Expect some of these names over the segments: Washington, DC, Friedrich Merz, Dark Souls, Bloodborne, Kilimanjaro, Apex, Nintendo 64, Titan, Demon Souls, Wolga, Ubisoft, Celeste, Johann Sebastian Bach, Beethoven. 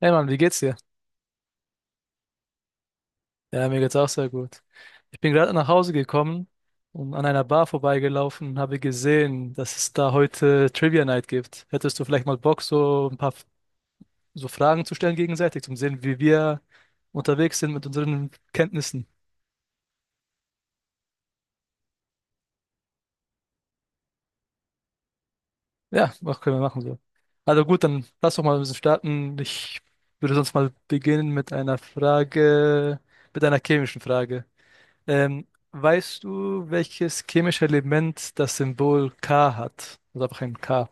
Hey Mann, wie geht's dir? Ja, mir geht's auch sehr gut. Ich bin gerade nach Hause gekommen und an einer Bar vorbeigelaufen und habe gesehen, dass es da heute Trivia Night gibt. Hättest du vielleicht mal Bock, so ein paar so Fragen zu stellen gegenseitig, um zu sehen, wie wir unterwegs sind mit unseren Kenntnissen? Ja, was können wir machen so. Also gut, dann lass doch mal ein bisschen starten. Ich würde sonst mal beginnen mit einer Frage, mit einer chemischen Frage. Ähm, weißt du, welches chemische Element das Symbol K hat? Also einfach ein K.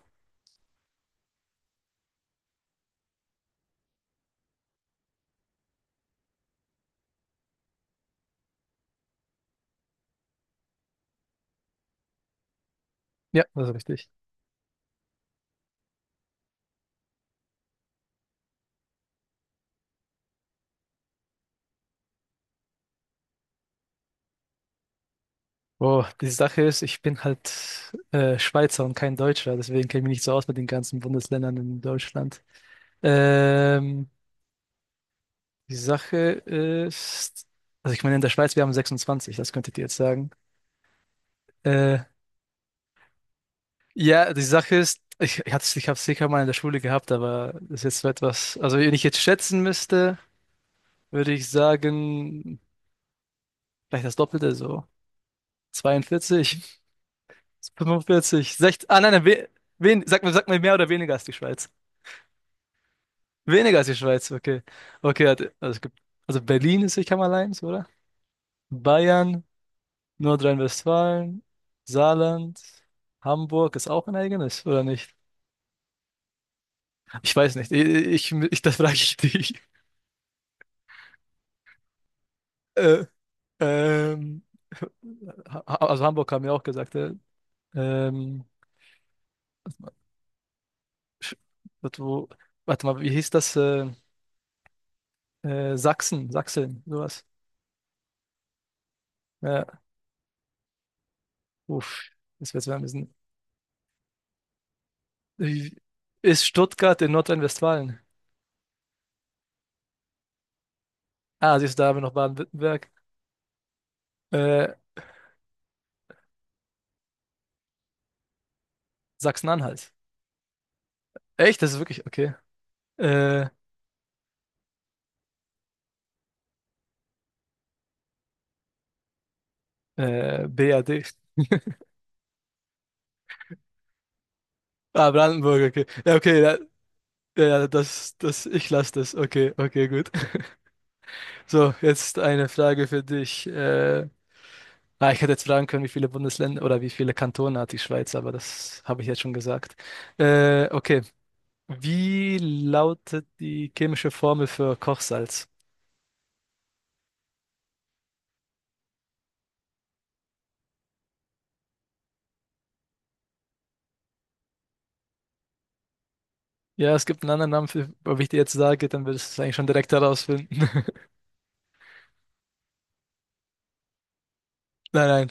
Ja, das ist richtig. Oh, die Sache ist, ich bin halt Schweizer und kein Deutscher, deswegen kenne ich mich nicht so aus mit den ganzen Bundesländern in Deutschland. Ähm, die Sache ist, also ich meine, in der Schweiz, wir haben 26, das könntet ihr jetzt sagen. Äh, ja, die Sache ist, ich habe es sicher mal in der Schule gehabt, aber das ist jetzt so etwas, also wenn ich jetzt schätzen müsste, würde ich sagen vielleicht das Doppelte, so 42, 45, 60. Ah, nein, nein, sag mal mehr oder weniger als die Schweiz. Weniger als die Schweiz, okay. Okay, also es gibt, also Berlin ist Sicherheitsmalleins, oder? Bayern, Nordrhein-Westfalen, Saarland, Hamburg ist auch ein eigenes, oder nicht? Ich weiß nicht. Ich das frage ich dich. Äh, ähm, ha, also Hamburg haben wir auch gesagt. Ähm, Sch- warte, warte mal, wie hieß das? Sachsen, Sachsen, sowas. Ja, uff, das wird's mal ein bisschen. Wie- Ist Stuttgart in Nordrhein-Westfalen? Ah, siehst du, da haben wir noch Baden-Württemberg. Äh, Sachsen-Anhalt. Echt? Das ist wirklich, okay. Äh, BRD. Ah, Brandenburg, okay. Ja, okay, ja, ja, ich lasse das. Okay, okay, gut. So, jetzt eine Frage für dich. Ich hätte jetzt fragen können, wie viele Bundesländer oder wie viele Kantone hat die Schweiz, aber das habe ich jetzt schon gesagt. Okay. Wie lautet die chemische Formel für Kochsalz? Ja, es gibt einen anderen Namen für, ob ich dir jetzt sage, dann würdest du es eigentlich schon direkt herausfinden. Nein, nein.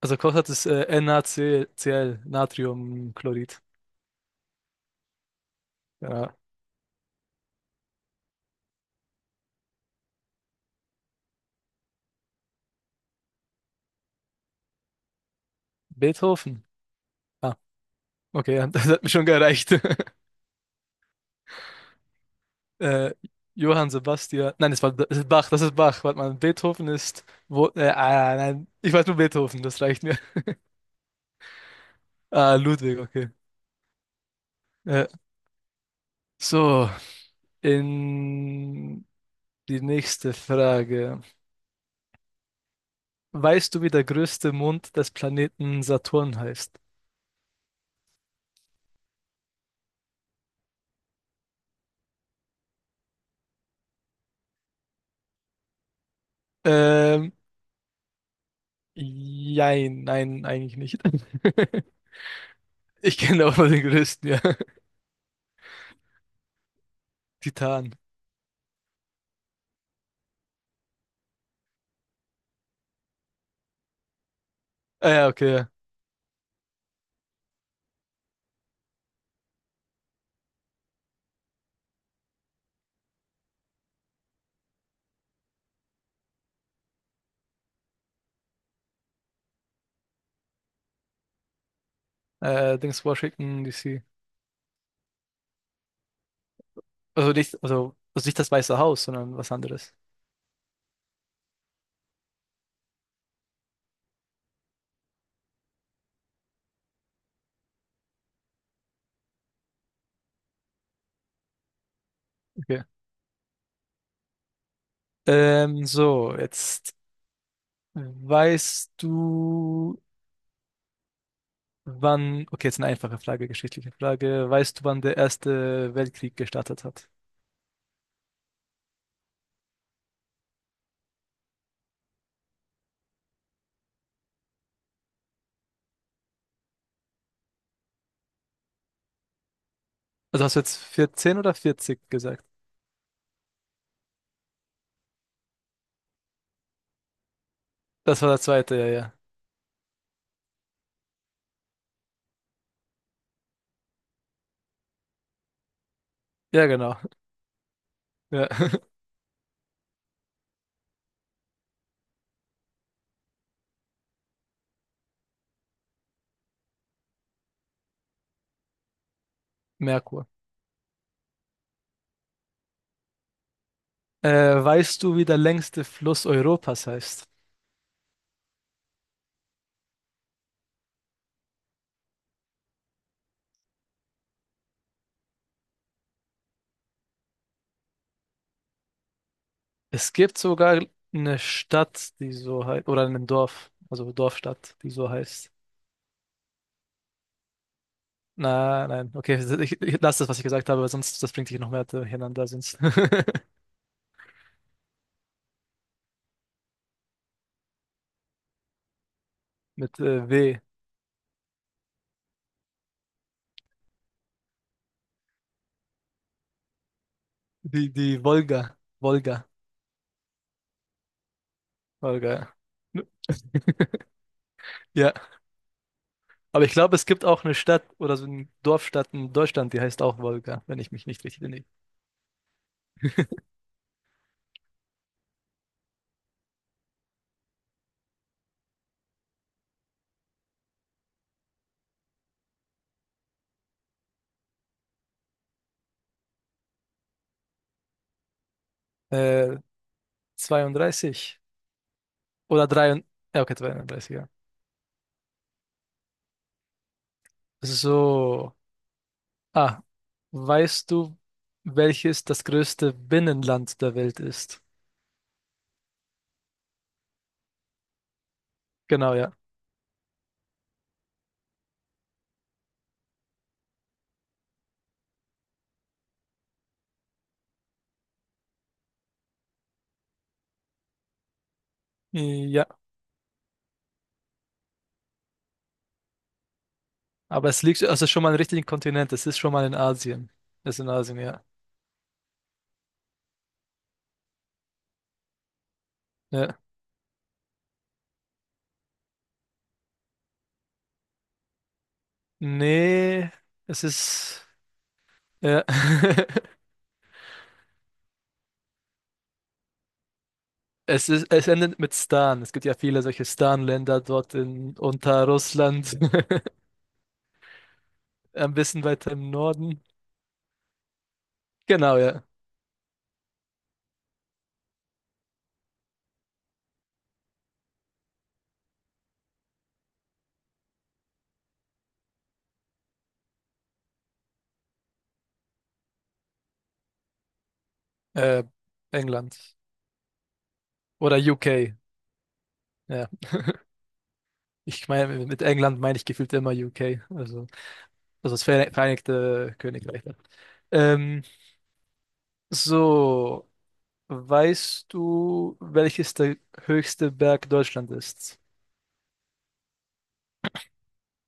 Also Kochsalz ist NaCl, Natriumchlorid. Ja. Beethoven. Ah, okay, ja, das hat mir schon gereicht. äh, Johann Sebastian. Nein, das ist Bach, das ist Bach. Warte mal, Beethoven ist. Nein, ich weiß nur Beethoven, das reicht mir. Ah, Ludwig, okay. Äh, so, in die nächste Frage. Weißt du, wie der größte Mond des Planeten Saturn heißt? Ähm, jein, nein, eigentlich nicht. Ich kenne auch nur den größten, ja. Titan. Ah ja, okay. Ja. Dings Washington, DC. Also nicht das Weiße Haus, sondern was anderes. Okay. So, jetzt weißt du, wann. Okay, jetzt eine einfache Frage, geschichtliche Frage. Weißt du, wann der Erste Weltkrieg gestartet hat? Also hast du jetzt 14 oder 40 gesagt? Das war der zweite, ja, ja. Ja, genau. Ja. Merkur. Äh, weißt du, wie der längste Fluss Europas heißt? Es gibt sogar eine Stadt, die so heißt, oder ein Dorf, also Dorfstadt, die so heißt. Na, nein, okay, ich lasse das, was ich gesagt habe, weil sonst das bringt dich noch mehr durcheinander, sonst mit W. Die Wolga, Wolga, Wolga. Ja, ja, aber ich glaube, es gibt auch eine Stadt oder so eine Dorfstadt in Deutschland, die heißt auch Wolga, wenn ich mich nicht richtig erinnere. Äh, 32. Oder drei ja, okay, 33 ja. So, ah, weißt du, welches das größte Binnenland der Welt ist? Genau, ja. Ja, aber es liegt, also schon mal im richtigen Kontinent, es ist schon mal in Asien. Es ist in Asien, ja. Ja. Nee, es ist, ja. Es endet mit Stan. Es gibt ja viele solche Stan-Länder dort in, unter Russland, ein bisschen weiter im Norden. Genau, ja. Äh, England. Oder UK. Ja. Ich meine, mit England meine ich gefühlt immer UK, also, das Vereinigte Königreich. Ne? Ähm, so, weißt du, welches der höchste Berg Deutschland ist?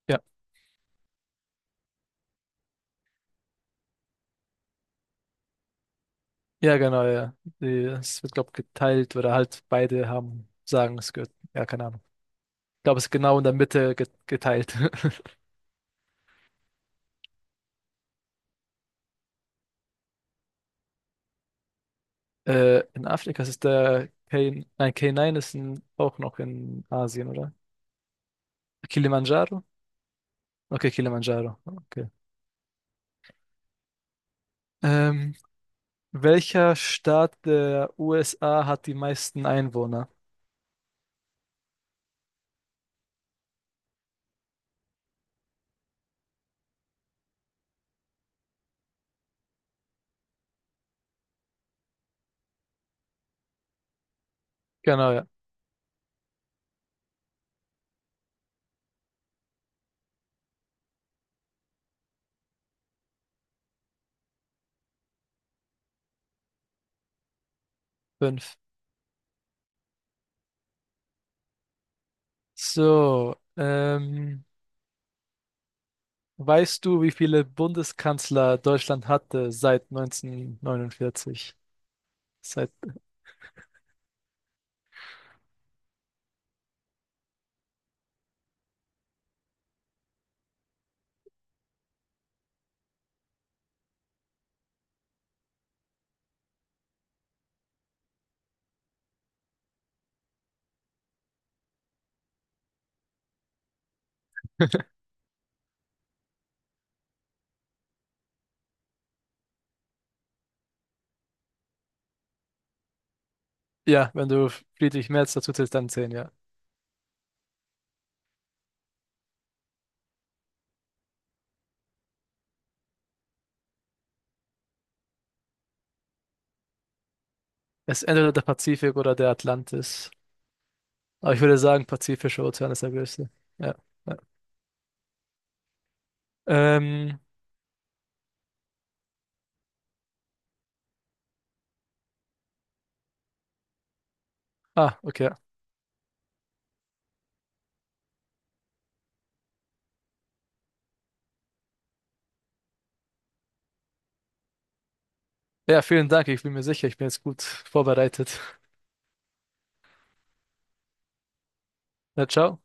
Ja, ja, genau, ja. Es wird, glaube ich, geteilt oder halt beide haben, sagen, es gehört, ja, keine Ahnung. Ich glaube, es ist genau in der Mitte geteilt. In Afrika ist es der K, nein, K9 ist in, auch noch in Asien, oder? Kilimanjaro? Okay, Kilimanjaro. Okay. Ähm, welcher Staat der USA hat die meisten Einwohner? Genau, ja. Fünf. So, weißt du, wie viele Bundeskanzler Deutschland hatte seit 1949? Seit, ja, wenn du Friedrich Merz dazu zählst, dann zehn, ja. Es ist entweder der Pazifik oder der Atlantis. Aber ich würde sagen, Pazifischer Ozean ist der größte. Ja. Ja. Ähm, okay. Ja, vielen Dank. Ich bin mir sicher, ich bin jetzt gut vorbereitet. Na, ciao.